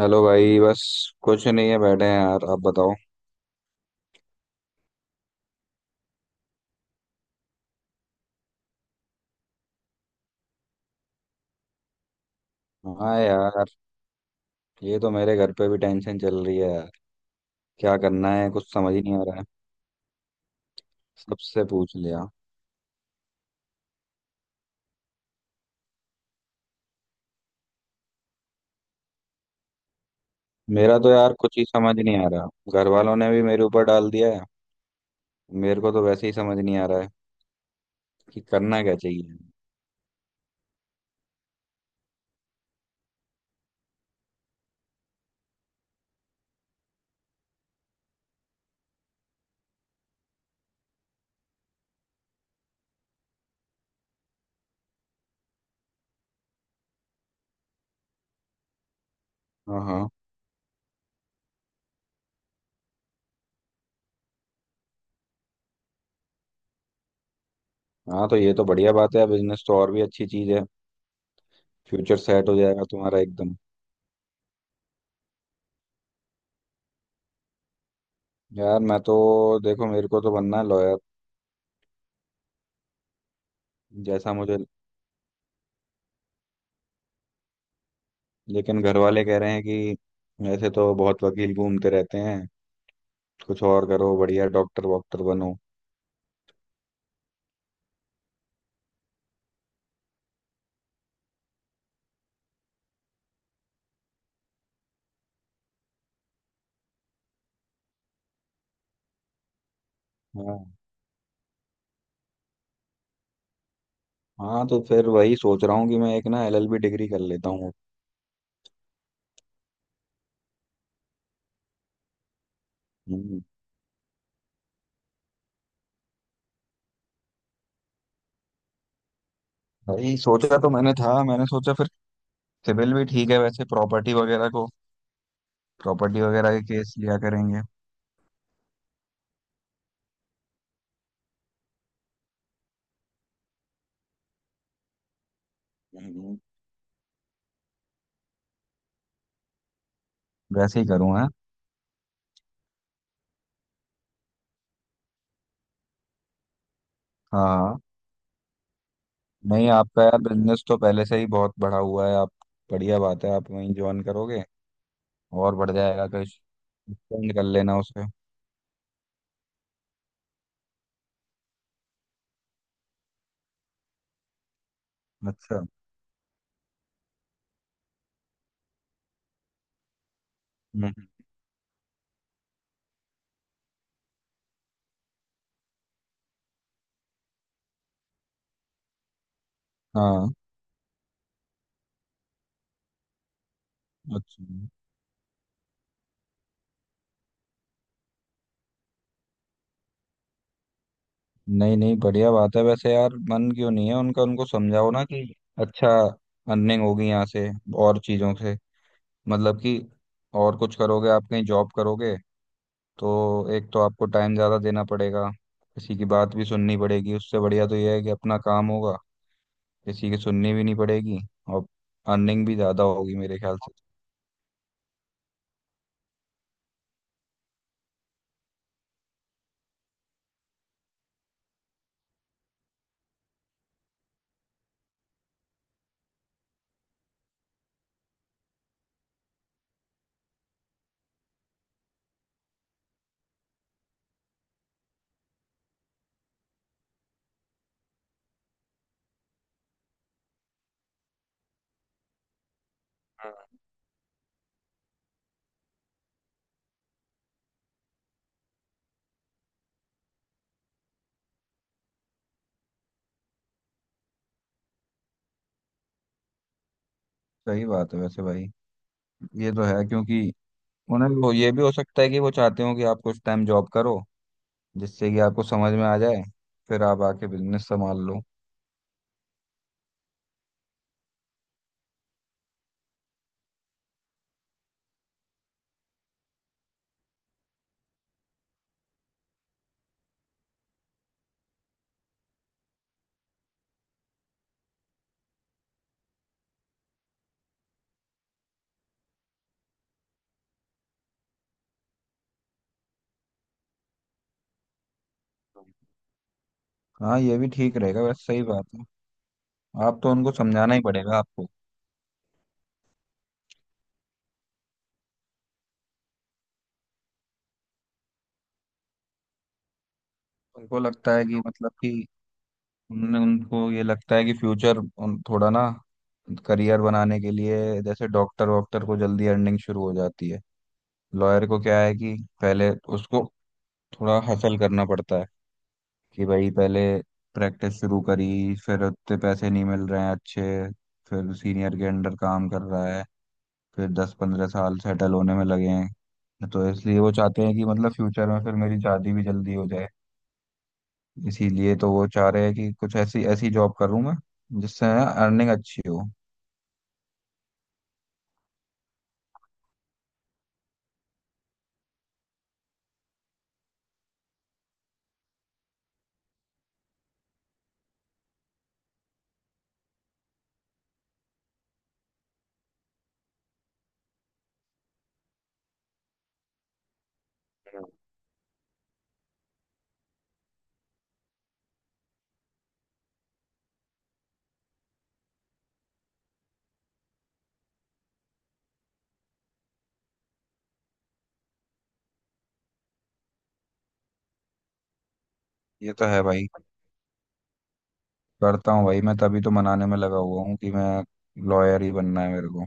Hello भाई, बस कुछ नहीं है, बैठे हैं यार। आप बताओ। हाँ यार, ये तो मेरे घर पे भी टेंशन चल रही है यार। क्या करना है कुछ समझ ही नहीं आ रहा है। सबसे पूछ लिया। मेरा तो यार कुछ ही समझ नहीं आ रहा। घर वालों ने भी मेरे ऊपर डाल दिया है। मेरे को तो वैसे ही समझ नहीं आ रहा है कि करना क्या चाहिए। हाँ हाँ। हाँ तो ये तो बढ़िया बात है, बिजनेस तो और भी अच्छी चीज़ है। फ्यूचर सेट हो जाएगा तुम्हारा एकदम। यार मैं तो, देखो मेरे को तो बनना है लॉयर जैसा मुझे। लेकिन घर वाले कह रहे हैं कि ऐसे तो बहुत वकील घूमते रहते हैं, कुछ और करो, बढ़िया डॉक्टर वॉक्टर बनो। हाँ। हाँ तो फिर वही सोच रहा हूँ कि मैं एक ना एलएलबी डिग्री कर लेता हूँ। हम्म। वही सोचा तो मैंने था, मैंने सोचा फिर सिविल भी ठीक है वैसे, प्रॉपर्टी वगैरह को, प्रॉपर्टी वगैरह के केस लिया करेंगे। हम्म। वैसे ही करूँ है। हाँ। नहीं, आपका यार बिजनेस तो पहले से ही बहुत बढ़ा हुआ है आप। बढ़िया बात है, आप वहीं ज्वाइन करोगे और बढ़ जाएगा कुछ, एक्सपेंड कर लेना उसे। अच्छा। हम्म। हाँ। अच्छा, नहीं नहीं, बढ़िया बात है वैसे यार। मन क्यों नहीं है उनका, उनको समझाओ ना कि। अच्छा। अर्निंग होगी यहाँ से और चीज़ों से, मतलब कि और कुछ करोगे आप, कहीं जॉब करोगे तो एक तो आपको टाइम ज़्यादा देना पड़ेगा, किसी की बात भी सुननी पड़ेगी। उससे बढ़िया तो यह है कि अपना काम होगा, किसी की सुननी भी नहीं पड़ेगी, और अर्निंग भी ज़्यादा होगी मेरे ख्याल से। सही बात है वैसे भाई, ये तो है, क्योंकि उन्हें वो, ये भी हो सकता है कि वो चाहते हो कि आप कुछ टाइम जॉब करो जिससे कि आपको समझ में आ जाए, फिर आप आके बिजनेस संभाल लो। हाँ ये भी ठीक रहेगा वैसे, सही बात है। आप तो उनको समझाना ही पड़ेगा आपको। उनको लगता है कि मतलब कि उनने उनको ये लगता है कि फ्यूचर, उन थोड़ा ना, करियर बनाने के लिए जैसे डॉक्टर वॉक्टर को जल्दी अर्निंग शुरू हो जाती है। लॉयर को क्या है कि पहले उसको थोड़ा हसल करना पड़ता है, कि भाई पहले प्रैक्टिस शुरू करी, फिर उतने पैसे नहीं मिल रहे हैं अच्छे, फिर सीनियर के अंडर काम कर रहा है, फिर 10-15 साल सेटल होने में लगे हैं, तो इसलिए वो चाहते हैं कि मतलब फ्यूचर में फिर मेरी शादी भी जल्दी हो जाए। इसीलिए तो वो चाह रहे हैं कि कुछ ऐसी ऐसी जॉब करूँ मैं जिससे अर्निंग अच्छी हो। ये तो है भाई, करता हूँ भाई मैं, तभी तो मनाने में लगा हुआ हूँ कि मैं लॉयर ही बनना है मेरे को।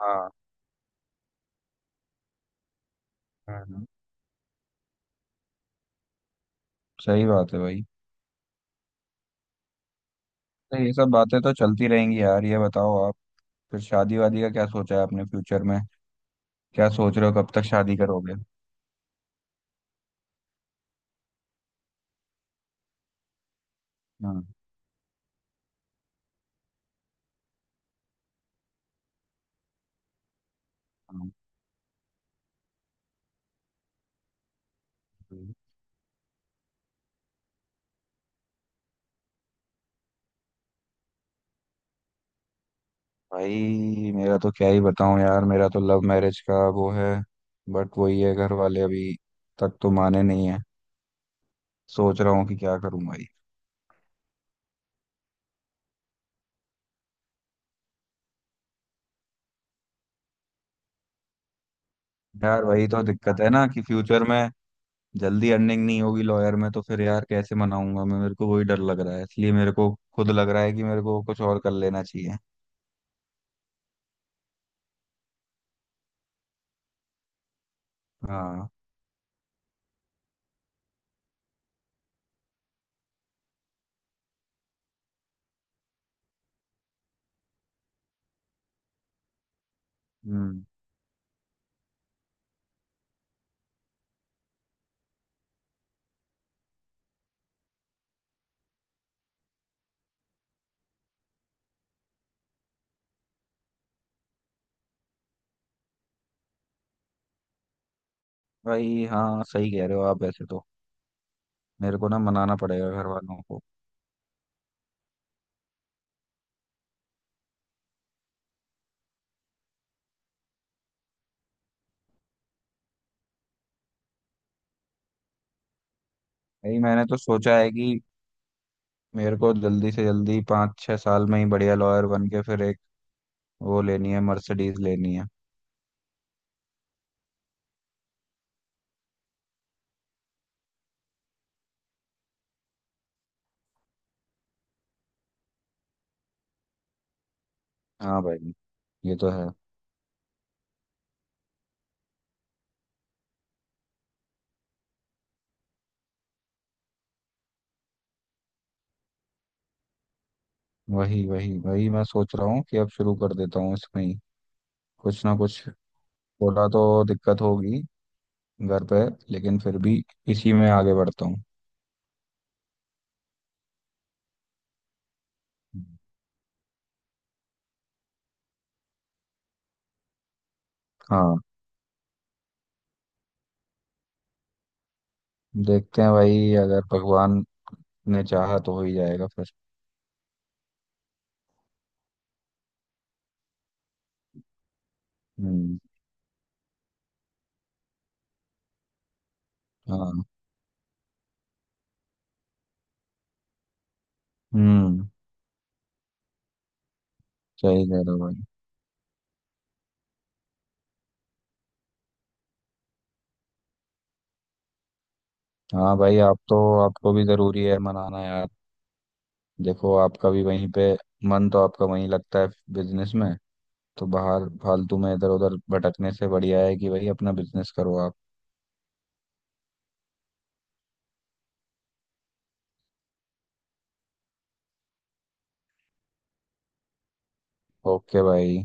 हाँ। हम्म। सही बात है भाई। तो ये सब बातें तो चलती रहेंगी यार, ये बताओ आप, फिर शादी वादी का क्या सोचा है आपने फ्यूचर में? क्या सोच रहे हो, कब तक शादी करोगे? हाँ। हाँ। भाई मेरा तो क्या ही बताऊं यार, मेरा तो लव मैरिज का वो है, बट वही है घर वाले अभी तक तो माने नहीं है। सोच रहा हूँ कि क्या करूं भाई। यार वही तो दिक्कत है ना कि फ्यूचर में जल्दी अर्निंग नहीं होगी लॉयर में, तो फिर यार कैसे मनाऊंगा मैं, मेरे को वही डर लग रहा है, इसलिए मेरे को खुद लग रहा है कि मेरे को कुछ और कर लेना चाहिए। हाँ। हम्म। भाई हाँ सही कह रहे हो आप वैसे तो। मेरे को ना मनाना पड़ेगा घर वालों को। भाई मैंने तो सोचा है कि मेरे को जल्दी से जल्दी 5-6 साल में ही बढ़िया लॉयर बन के फिर एक, वो लेनी है, मर्सिडीज लेनी है। हाँ भाई, ये तो है। वही वही वही मैं सोच रहा हूँ कि अब शुरू कर देता हूँ इसमें ही कुछ ना कुछ। थोड़ा तो दिक्कत होगी घर पे, लेकिन फिर भी इसी में आगे बढ़ता हूँ। हाँ। देखते हैं भाई, अगर भगवान ने चाहा तो हो ही जाएगा फिर। हम्म। हाँ। हम्म। सही कह रहे हो भाई। हाँ भाई, आप तो, आपको भी जरूरी है मनाना यार। देखो आपका भी वहीं पे, मन तो आपका वहीं लगता है बिजनेस में, तो बाहर फालतू में इधर उधर भटकने से बढ़िया है कि भाई अपना बिजनेस करो आप। ओके भाई।